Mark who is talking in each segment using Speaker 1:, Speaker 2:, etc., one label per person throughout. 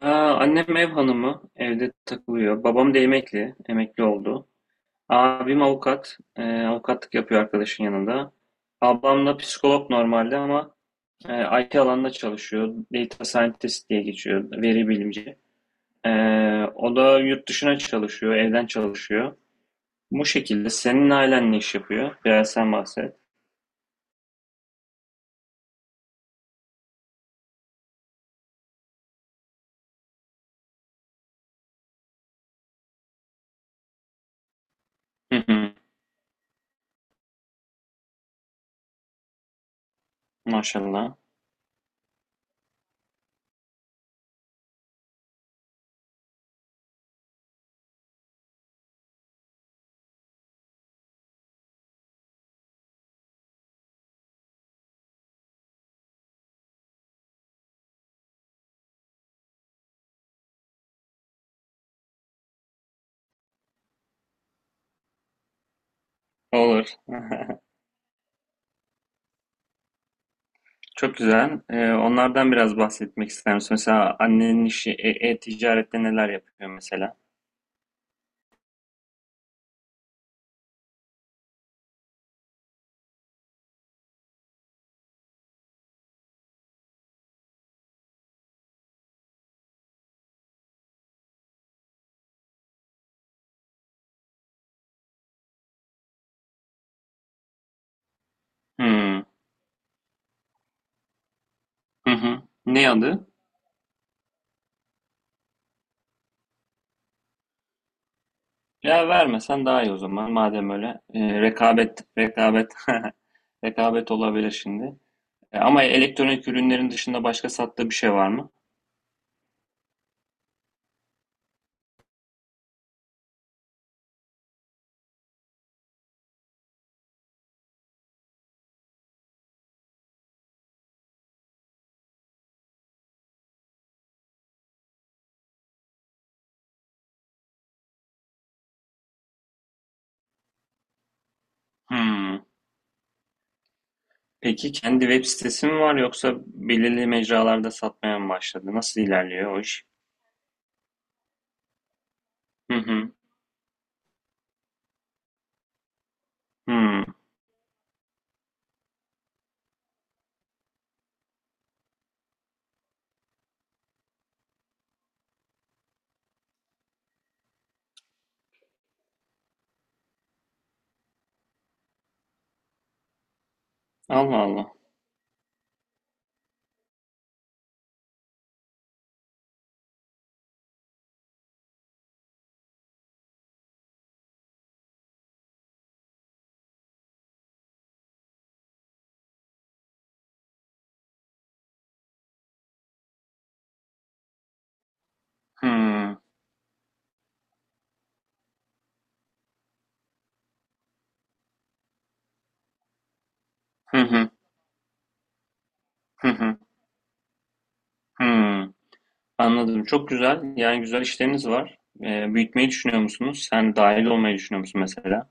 Speaker 1: Aa, annem ev hanımı, evde takılıyor. Babam da emekli oldu. Abim avukat, avukatlık yapıyor arkadaşın yanında. Ablam da psikolog normalde ama IT alanında çalışıyor. Data scientist diye geçiyor, veri bilimci. E, O da yurt dışına çalışıyor, evden çalışıyor. Bu şekilde senin ailen ne iş yapıyor? Biraz sen bahset. Hı hı. Maşallah. Olur. Çok güzel. Onlardan biraz bahsetmek ister misin? Mesela annenin işi e-ticarette neler yapıyor mesela? Hmm. Hı hı. Ne adı? Ya vermesen daha iyi o zaman. Madem öyle. Rekabet, rekabet. Rekabet olabilir şimdi. Ama elektronik ürünlerin dışında başka sattığı bir şey var mı? Hmm. Peki kendi web sitesi mi var yoksa belirli mecralarda satmaya mı başladı? Nasıl ilerliyor o iş? Hı hı. Hmm. Allah Allah. Hmm. Hı hı. Hı hı. Hmm. Anladım. Çok güzel. Yani güzel işleriniz var. Büyütmeyi düşünüyor musunuz? Sen dahil olmayı düşünüyor musun mesela?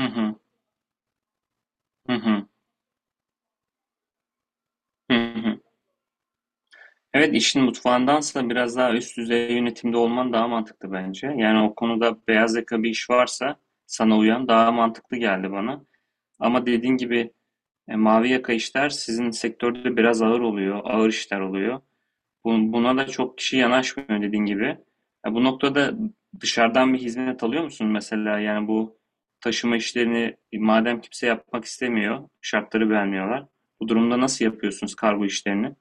Speaker 1: Hı hı. Hı hı. Hı hı. Evet, işin mutfağındansa biraz daha üst düzey yönetimde olman daha mantıklı bence. Yani o konuda beyaz yaka bir iş varsa sana uyan daha mantıklı geldi bana. Ama dediğin gibi mavi yaka işler sizin sektörde biraz ağır oluyor, ağır işler oluyor. Buna da çok kişi yanaşmıyor dediğin gibi. Ya bu noktada dışarıdan bir hizmet alıyor musun mesela? Yani bu taşıma işlerini madem kimse yapmak istemiyor, şartları beğenmiyorlar. Bu durumda nasıl yapıyorsunuz kargo işlerini?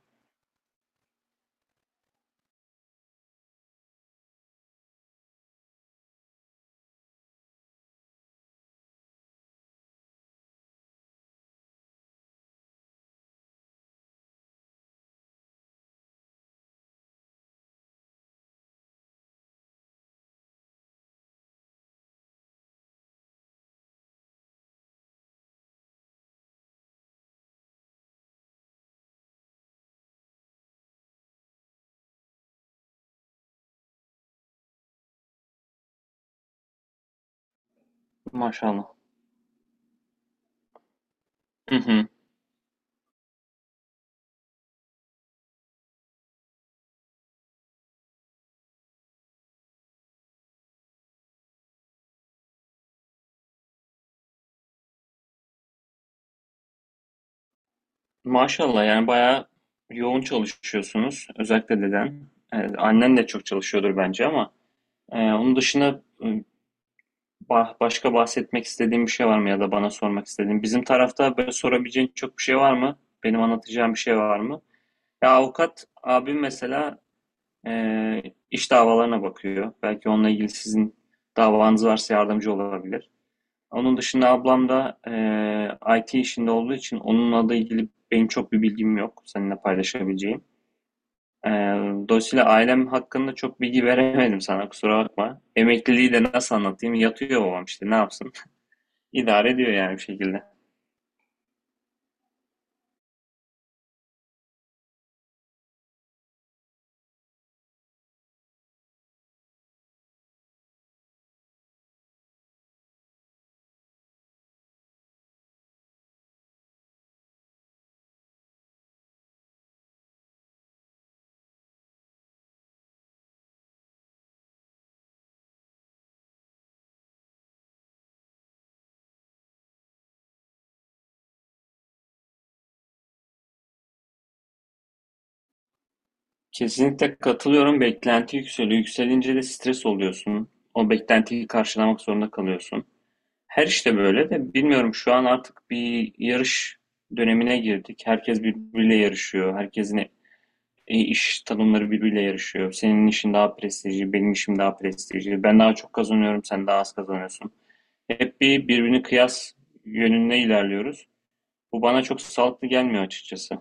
Speaker 1: Maşallah. Hı hı. Maşallah, yani bayağı yoğun çalışıyorsunuz. Özellikle deden. Annen de çok çalışıyordur bence, ama onun dışında başka bahsetmek istediğim bir şey var mı ya da bana sormak istediğin? Bizim tarafta böyle sorabileceğin çok bir şey var mı? Benim anlatacağım bir şey var mı? Ya avukat abim mesela e, iş davalarına bakıyor. Belki onunla ilgili sizin davanız varsa yardımcı olabilir. Onun dışında ablam da IT işinde olduğu için onunla da ilgili benim çok bir bilgim yok seninle paylaşabileceğim. E, Dolayısıyla ailem hakkında çok bilgi veremedim sana, kusura bakma. Emekliliği de nasıl anlatayım? Yatıyor babam, işte ne yapsın? İdare ediyor yani bir şekilde. Kesinlikle katılıyorum. Beklenti yükseliyor. Yükselince de stres oluyorsun. O beklentiyi karşılamak zorunda kalıyorsun. Her işte böyle de bilmiyorum, şu an artık bir yarış dönemine girdik. Herkes birbiriyle yarışıyor. Herkesin iş tanımları birbiriyle yarışıyor. Senin işin daha prestijli, benim işim daha prestijli. Ben daha çok kazanıyorum, sen daha az kazanıyorsun. Hep bir birbirini kıyas yönünde ilerliyoruz. Bu bana çok sağlıklı gelmiyor açıkçası.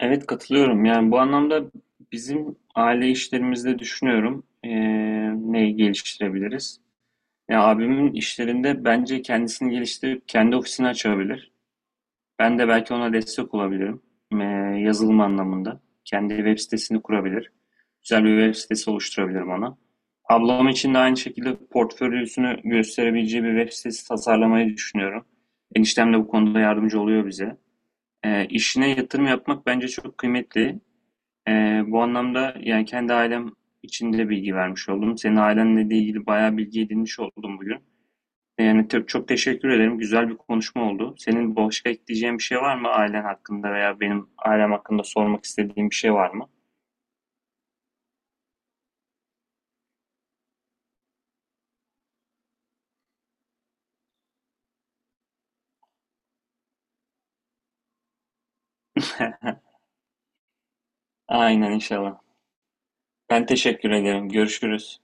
Speaker 1: Evet, katılıyorum. Yani bu anlamda bizim aile işlerimizde düşünüyorum, neyi geliştirebiliriz. Ya abimin işlerinde bence kendisini geliştirip kendi ofisini açabilir. Ben de belki ona destek olabilirim. Eee, Yazılım anlamında. Kendi web sitesini kurabilir. Güzel bir web sitesi oluşturabilirim ona. Ablam için de aynı şekilde portfolyosunu gösterebileceği bir web sitesi tasarlamayı düşünüyorum. Eniştem de bu konuda yardımcı oluyor bize. İşine yatırım yapmak bence çok kıymetli. Bu anlamda yani kendi ailem içinde bilgi vermiş oldum. Senin ailenle de ilgili bayağı bilgi edinmiş oldum bugün. Yani çok teşekkür ederim. Güzel bir konuşma oldu. Senin başka ekleyeceğin bir şey var mı ailen hakkında veya benim ailem hakkında sormak istediğin bir şey var mı? Aynen, inşallah. Ben teşekkür ederim. Görüşürüz.